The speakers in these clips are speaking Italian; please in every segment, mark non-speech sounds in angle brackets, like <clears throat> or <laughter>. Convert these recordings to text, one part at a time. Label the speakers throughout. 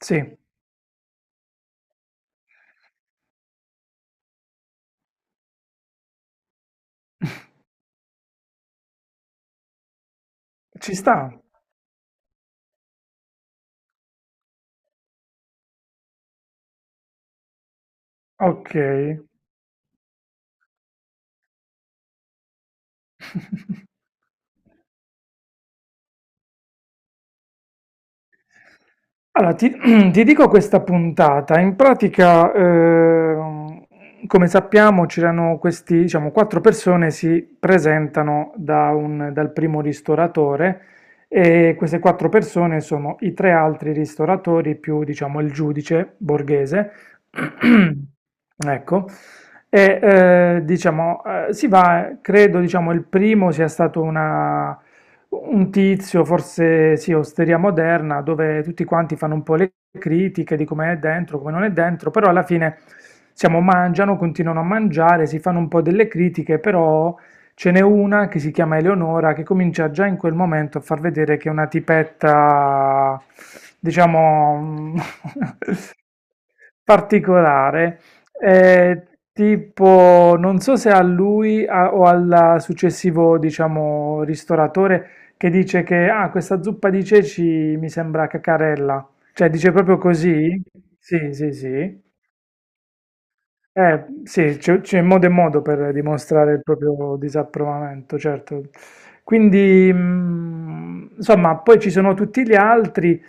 Speaker 1: Sì, ci sta. Okay. <laughs> Allora ti <clears throat> ti dico questa puntata. In pratica, come sappiamo c'erano questi, diciamo, 4 persone si presentano da un dal primo ristoratore e queste 4 persone sono i 3 altri ristoratori più, diciamo, il giudice Borghese. <clears throat> Ecco. E, diciamo, si va credo, diciamo, il primo sia stato una un tizio, forse sì, Osteria Moderna, dove tutti quanti fanno un po' le critiche di come è dentro, come non è dentro, però alla fine mangiano, continuano a mangiare, si fanno un po' delle critiche, però ce n'è una che si chiama Eleonora che comincia già in quel momento a far vedere che è una tipetta, diciamo, <laughs> particolare. Eh, Tipo, non so se a lui o al successivo, diciamo, ristoratore che dice che ah, questa zuppa di ceci mi sembra caccarella. Cioè, dice proprio così? Sì, sì, sì. Sì, c'è modo e modo per dimostrare il proprio disapprovamento, certo. Quindi, insomma, poi ci sono tutti gli altri,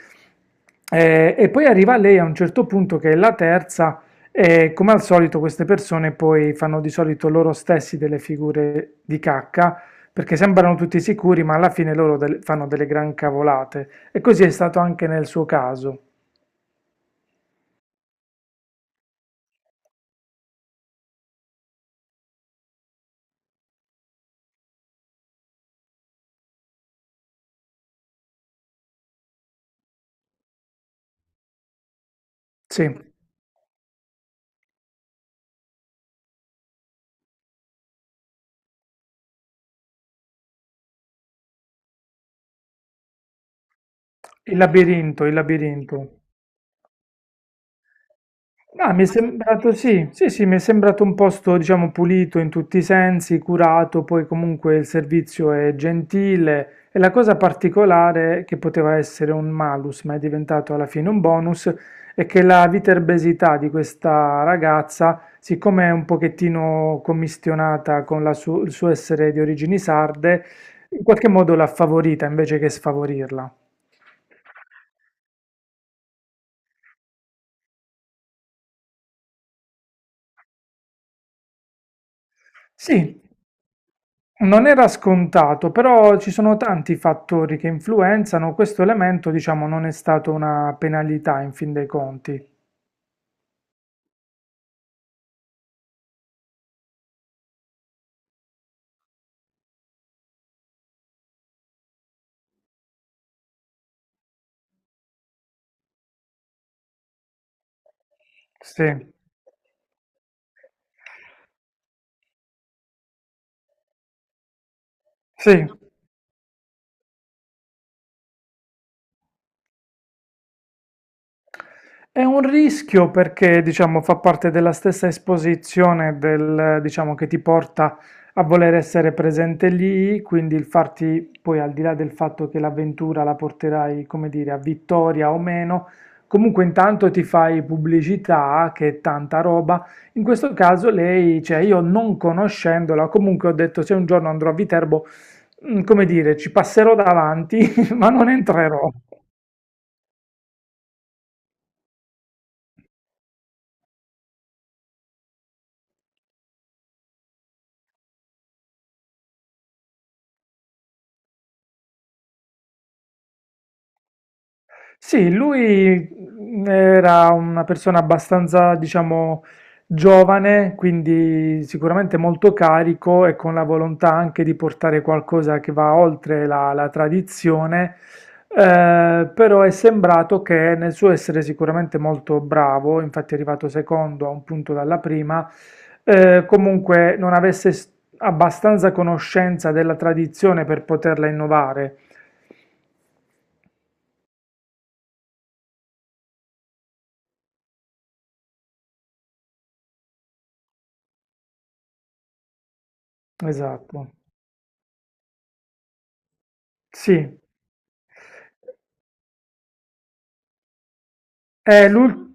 Speaker 1: e poi arriva lei a un certo punto che è la terza, e come al solito queste persone poi fanno di solito loro stessi delle figure di cacca, perché sembrano tutti sicuri, ma alla fine loro fanno delle gran cavolate. E così è stato anche nel suo caso. Sì, il labirinto, il labirinto. Ah, mi è sembrato, sì, sì, sì, mi è sembrato un posto, diciamo, pulito in tutti i sensi, curato, poi comunque il servizio è gentile e la cosa particolare che poteva essere un malus, ma è diventato alla fine un bonus, è che la viterbesità di questa ragazza, siccome è un pochettino commistionata con il suo essere di origini sarde, in qualche modo l'ha favorita invece che sfavorirla. Sì, non era scontato, però ci sono tanti fattori che influenzano, questo elemento, diciamo, non è stato una penalità in fin dei conti. Sì, sì. È un rischio perché, diciamo, fa parte della stessa esposizione del, diciamo, che ti porta a voler essere presente lì, quindi il farti, poi al di là del fatto che l'avventura la porterai, come dire, a vittoria o meno, comunque intanto ti fai pubblicità, che è tanta roba. In questo caso lei, cioè io non conoscendola, comunque ho detto se un giorno andrò a Viterbo, come dire, ci passerò davanti, <laughs> ma non entrerò. Sì, lui era una persona abbastanza, diciamo, giovane, quindi sicuramente molto carico e con la volontà anche di portare qualcosa che va oltre la tradizione, però è sembrato che nel suo essere sicuramente molto bravo, infatti è arrivato secondo a un punto dalla prima, comunque non avesse abbastanza conoscenza della tradizione per poterla innovare. Esatto, sì. Eh, l'ul-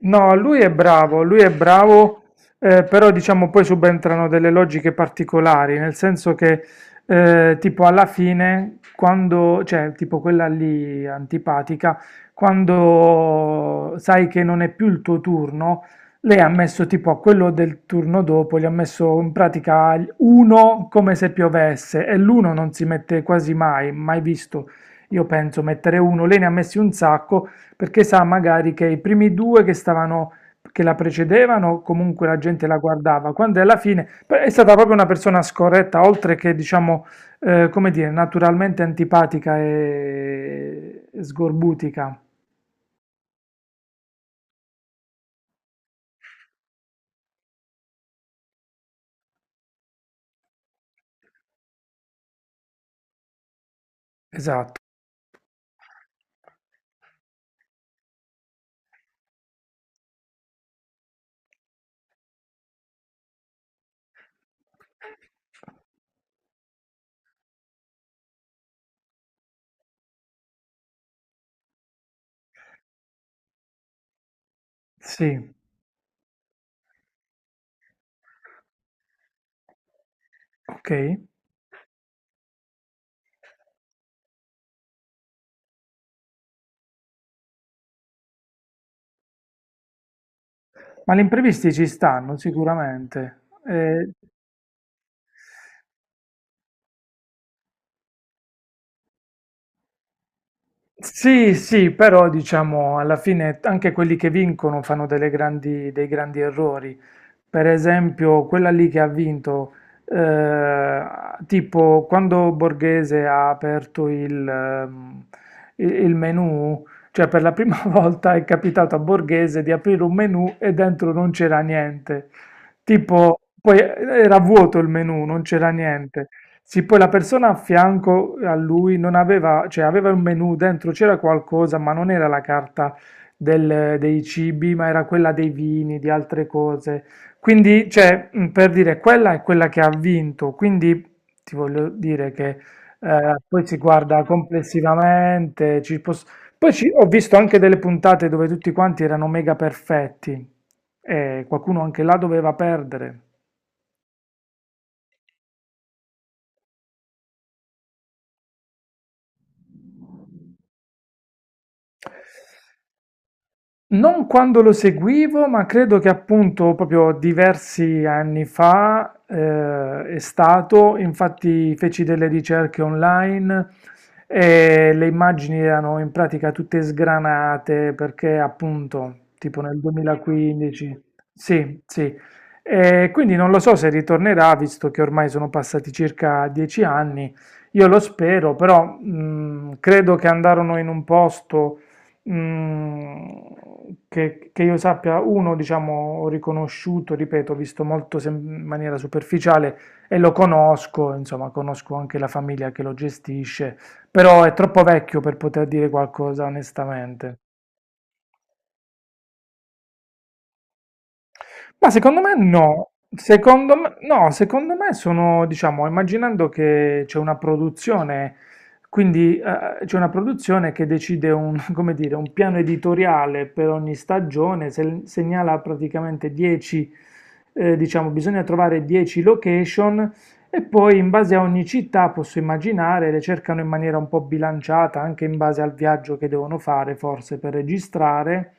Speaker 1: no, lui è bravo, però diciamo poi subentrano delle logiche particolari, nel senso che tipo alla fine, quando, cioè tipo quella lì antipatica, quando sai che non è più il tuo turno, lei ha messo tipo a quello del turno dopo, gli ha messo in pratica uno come se piovesse e l'uno non si mette quasi mai, mai visto, io penso, mettere uno, lei ne ha messi un sacco. Perché sa magari che i primi due che stavano, che la precedevano, comunque la gente la guardava, quando alla fine beh, è stata proprio una persona scorretta, oltre che diciamo, come dire, naturalmente antipatica e sgorbutica. Esatto. Sì, ok. Ma gli imprevisti ci stanno sicuramente. Sì, sì, però diciamo alla fine anche quelli che vincono fanno delle grandi- dei grandi errori. Per esempio, quella lì che ha vinto, eh, tipo quando Borghese ha aperto il menu, cioè per la prima <laughs> volta è capitato a Borghese di aprire un menu e dentro non c'era niente. Tipo, poi era vuoto il menu, non c'era niente. Sì, poi la persona a fianco a lui non aveva, cioè aveva un menù dentro, c'era qualcosa, ma non era la carta dei cibi, ma era quella dei vini, di altre cose. Quindi, cioè, per dire, quella è quella che ha vinto. Quindi ti voglio dire che poi si guarda complessivamente. Poi ho visto anche delle puntate dove tutti quanti erano mega perfetti e qualcuno anche là doveva perdere. Non quando lo seguivo, ma credo che appunto proprio diversi anni fa è stato, infatti feci delle ricerche online e le immagini erano in pratica tutte sgranate perché appunto tipo nel 2015, sì, sì, e quindi non lo so se ritornerà visto che ormai sono passati circa 10 anni, io lo spero, però credo che andarono in un posto. Mm, che io sappia, uno, diciamo, ho riconosciuto, ripeto, ho visto molto in maniera superficiale e lo conosco, insomma, conosco anche la famiglia che lo gestisce, però è troppo vecchio per poter dire qualcosa onestamente. Ma secondo me no, secondo me, no, secondo me sono, diciamo, immaginando che c'è una produzione, quindi c'è una produzione che decide un, <laughs> come dire, un piano editoriale per ogni stagione, segnala praticamente 10, diciamo, bisogna trovare 10 location e poi in base a ogni città posso immaginare le cercano in maniera un po' bilanciata, anche in base al viaggio che devono fare, forse per registrare,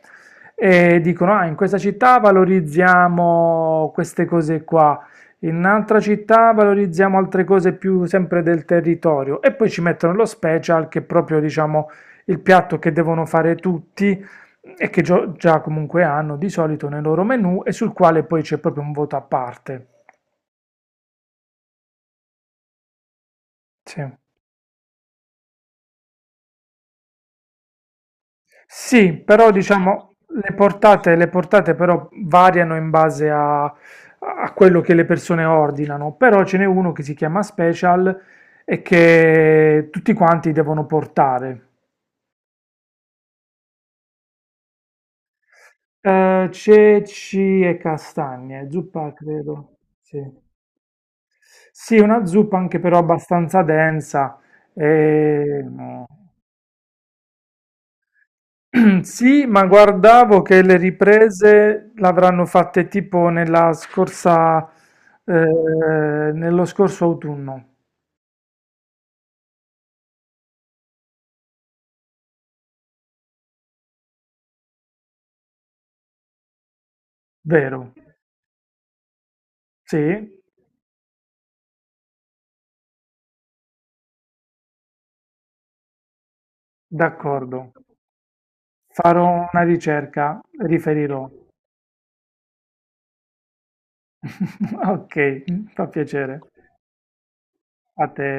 Speaker 1: e dicono: Ah, in questa città valorizziamo queste cose qua, in un'altra città valorizziamo altre cose più sempre del territorio, e poi ci mettono lo special che è proprio, diciamo, il piatto che devono fare tutti. E che già comunque hanno di solito nel loro menu e sul quale poi c'è proprio un voto a parte. Sì. Sì, però diciamo le portate però variano in base a quello che le persone ordinano, però ce n'è uno che si chiama Special e che tutti quanti devono portare. Ceci e castagne, zuppa credo, sì. Sì, una zuppa anche però abbastanza densa. E, no. <clears throat> Sì, ma guardavo che le riprese l'avranno fatte tipo eh, nello scorso autunno, vero? Sì, d'accordo. Farò una ricerca, riferirò. <laughs> Ok, fa piacere. A te.